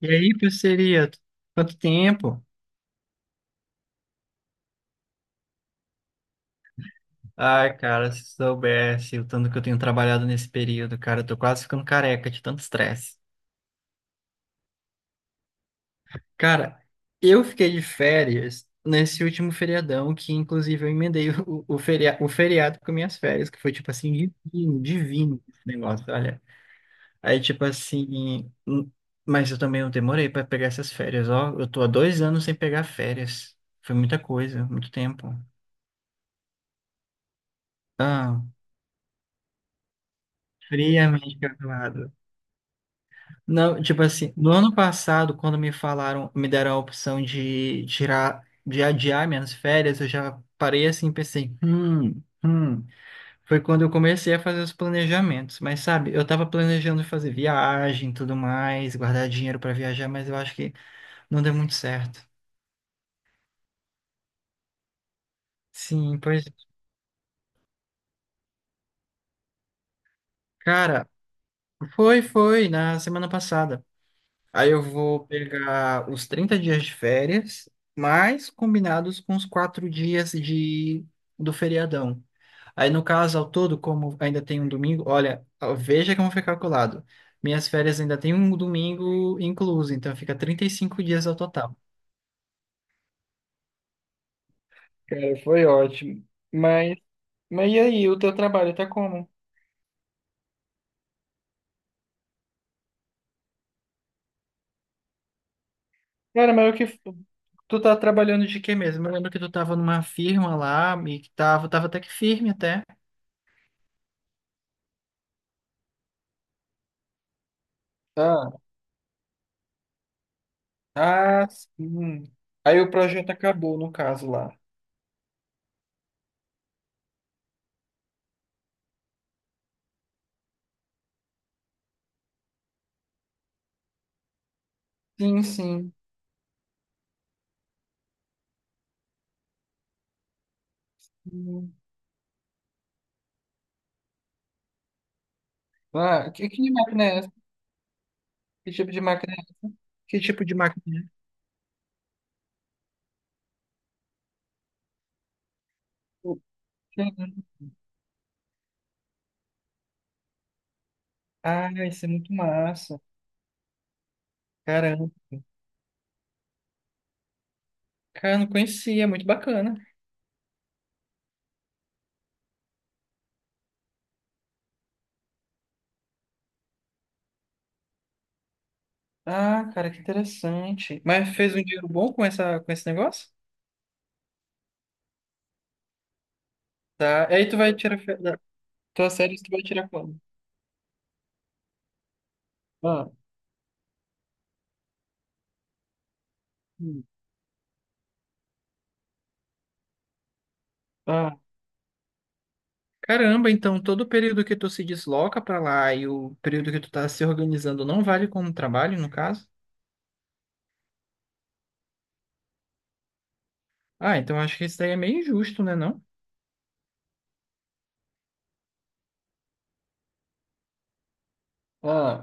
E aí, parceria? Quanto tempo? Ai, cara, se soubesse o tanto que eu tenho trabalhado nesse período, cara, eu tô quase ficando careca de tanto estresse. Cara, eu fiquei de férias nesse último feriadão, que inclusive eu emendei o feriado com minhas férias, que foi tipo assim, divino, divino esse negócio, olha. Aí, tipo assim, mas eu também não demorei pra pegar essas férias, ó. Eu tô há 2 anos sem pegar férias. Foi muita coisa, muito tempo. Ah, friamente calculado. Não, tipo assim, no ano passado, quando me falaram, me deram a opção de tirar, de adiar minhas férias, eu já parei assim e pensei, hum. Foi quando eu comecei a fazer os planejamentos. Mas sabe, eu tava planejando fazer viagem e tudo mais, guardar dinheiro para viajar, mas eu acho que não deu muito certo. Sim, pois, cara, foi, na semana passada. Aí eu vou pegar os 30 dias de férias, mais combinados com os 4 dias de do feriadão. Aí, no caso, ao todo, como ainda tem um domingo, olha, veja como foi calculado. Minhas férias ainda tem um domingo incluso, então fica 35 dias ao total. Cara, foi ótimo. Mas, mas e aí, o teu trabalho tá como? Cara, mas o que tu tá trabalhando de quê mesmo? Eu lembro que tu tava numa firma lá e que tava, tava até que firme até. Ah, sim. Aí o projeto acabou, no caso lá. Sim, sim. Hum. Ah, que máquina é essa? Que tipo de máquina é essa? Que tipo de máquina é essa? Ah, isso é muito massa. Caramba. Cara, não conhecia, é muito bacana. Ah, cara, que interessante. Mas fez um dinheiro bom com essa, com esse negócio? Tá. Aí tu vai tirar. Tua série tu vai tirar quando? Ah, hum. Caramba, então todo o período que tu se desloca para lá e o período que tu tá se organizando não vale como trabalho, no caso? Ah, então acho que isso daí é meio injusto, né, não? Ó,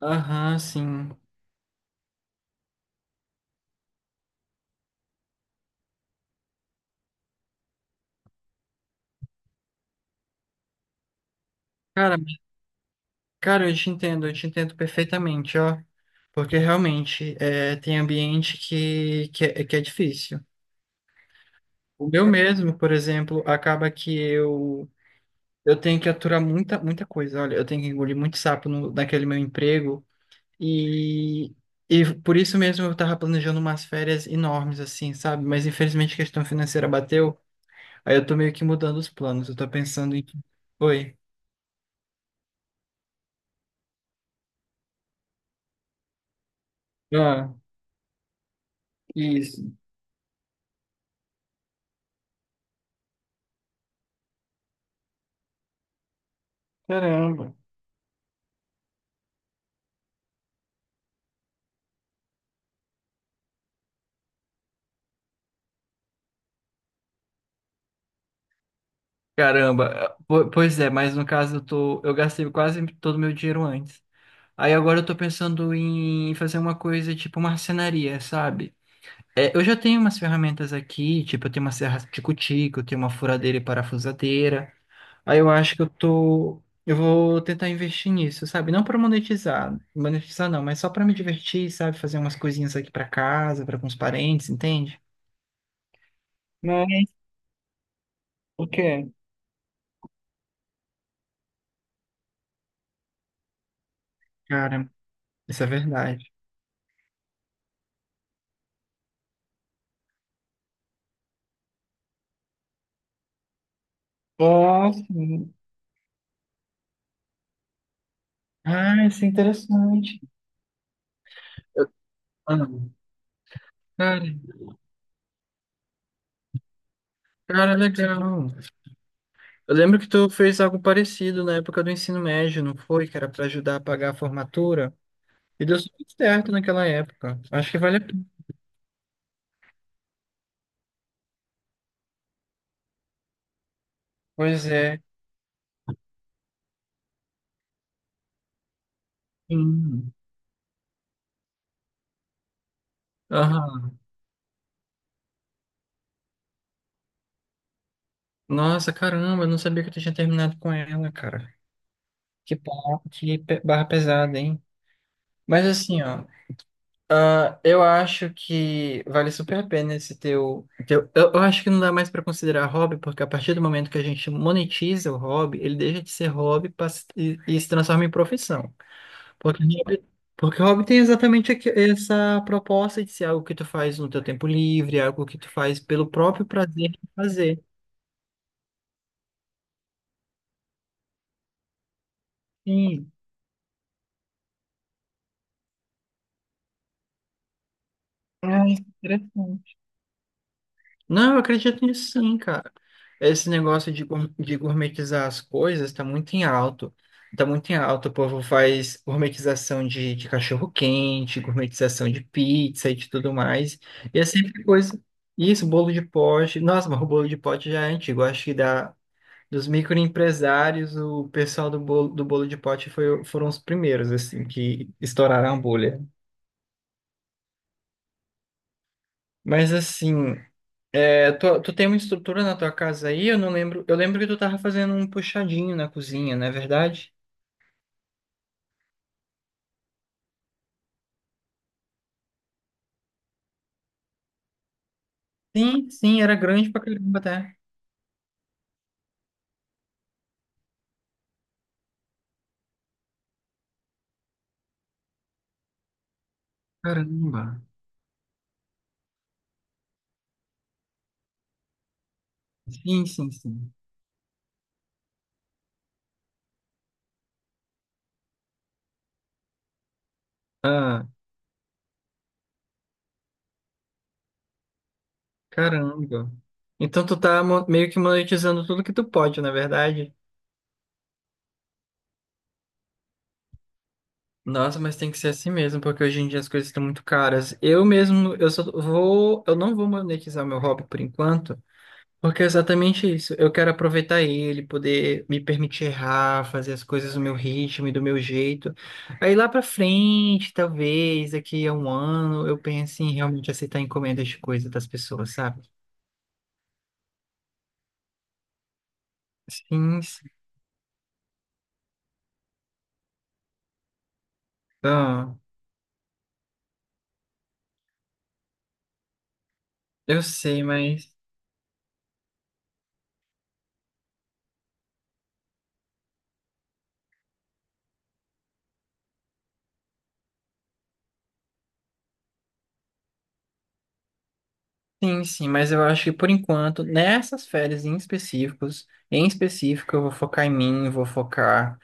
aham, sim. Cara, cara, eu te entendo perfeitamente, ó. Porque realmente é, tem ambiente que, que é difícil. O meu mesmo, por exemplo, acaba que eu tenho que aturar muita, muita coisa. Olha, eu tenho que engolir muito sapo no, naquele meu emprego. E, e por isso mesmo eu tava planejando umas férias enormes, assim, sabe? Mas infelizmente a questão financeira bateu, aí eu tô meio que mudando os planos. Eu tô pensando em. Oi. Ah, isso. Caramba. Caramba. Pois é, mas no caso eu tô. Eu gastei quase todo o meu dinheiro antes. Aí agora eu tô pensando em fazer uma coisa tipo marcenaria, sabe? É, eu já tenho umas ferramentas aqui, tipo, eu tenho uma serra tico-tico, eu tenho uma furadeira e parafusadeira. Aí eu acho que eu tô. Eu vou tentar investir nisso, sabe? Não para monetizar, monetizar não, mas só para me divertir, sabe? Fazer umas coisinhas aqui para casa, para com os parentes, entende? Mas o quê? Cara, isso é verdade. Ah, Ah, isso é interessante. Eu- Ah, cara, cara, legal. Eu lembro que tu fez algo parecido na época do ensino médio, não foi? Que era para ajudar a pagar a formatura. E deu super certo naquela época. Acho que vale a pena. Pois é. Sim. Aham. Nossa, caramba, eu não sabia que tu tinha terminado com ela, cara. Que barra, barra pesada, hein? Mas assim, ó, ah, eu acho que vale super a pena esse teu. Eu acho que não dá mais pra considerar hobby, porque a partir do momento que a gente monetiza o hobby, ele deixa de ser hobby pra e se transforma em profissão. Porque hobby, porque hobby tem exatamente essa proposta de ser algo que tu faz no teu tempo livre, algo que tu faz pelo próprio prazer de fazer. Sim. Ai, interessante. Não, eu acredito nisso sim, cara. Esse negócio de gourmetizar as coisas tá muito em alto. Tá muito em alto. O povo faz gourmetização de cachorro-quente, gourmetização de pizza e de tudo mais. E é sempre coisa. Isso, bolo de pote. Nossa, mas o bolo de pote já é antigo. Eu acho que dos microempresários, o pessoal do bolo de pote foram os primeiros, assim, que estouraram a bolha. Mas assim. É, tu tem uma estrutura na tua casa aí? Eu não lembro. Eu lembro que tu tava fazendo um puxadinho na cozinha, não é verdade? Sim, sim, era grande pra caramba até. Caramba. Sim, sim, sim. Ah, caramba. Então tu tá meio que monetizando tudo que tu pode, na verdade. Nossa, mas tem que ser assim mesmo, porque hoje em dia as coisas estão muito caras. Eu mesmo, eu só vou, eu não vou monetizar meu hobby por enquanto. Porque é exatamente isso. Eu quero aproveitar ele, poder me permitir errar, fazer as coisas no meu ritmo e do meu jeito. Aí lá pra frente, talvez, daqui a um ano, eu pense em realmente aceitar encomendas de coisa das pessoas, sabe? Sim, sim. Ah, eu sei, mas. Sim, sim, mas eu acho que por enquanto, nessas férias em específico, eu vou focar em mim, vou focar.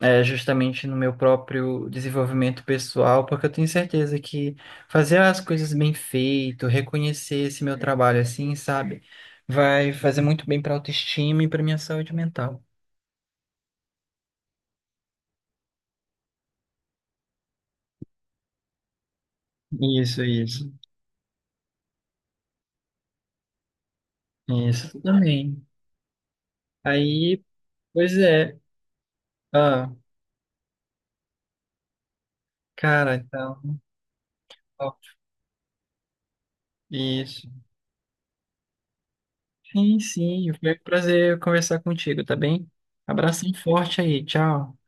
É, justamente no meu próprio desenvolvimento pessoal, porque eu tenho certeza que fazer as coisas bem feito, reconhecer esse meu trabalho assim, sabe, vai fazer muito bem para a autoestima e para minha saúde mental. Isso, isso, isso também. Aí, pois é, ah, cara, então, ó, isso. Sim, sim, foi um prazer conversar contigo, tá bem? Abração forte aí, tchau.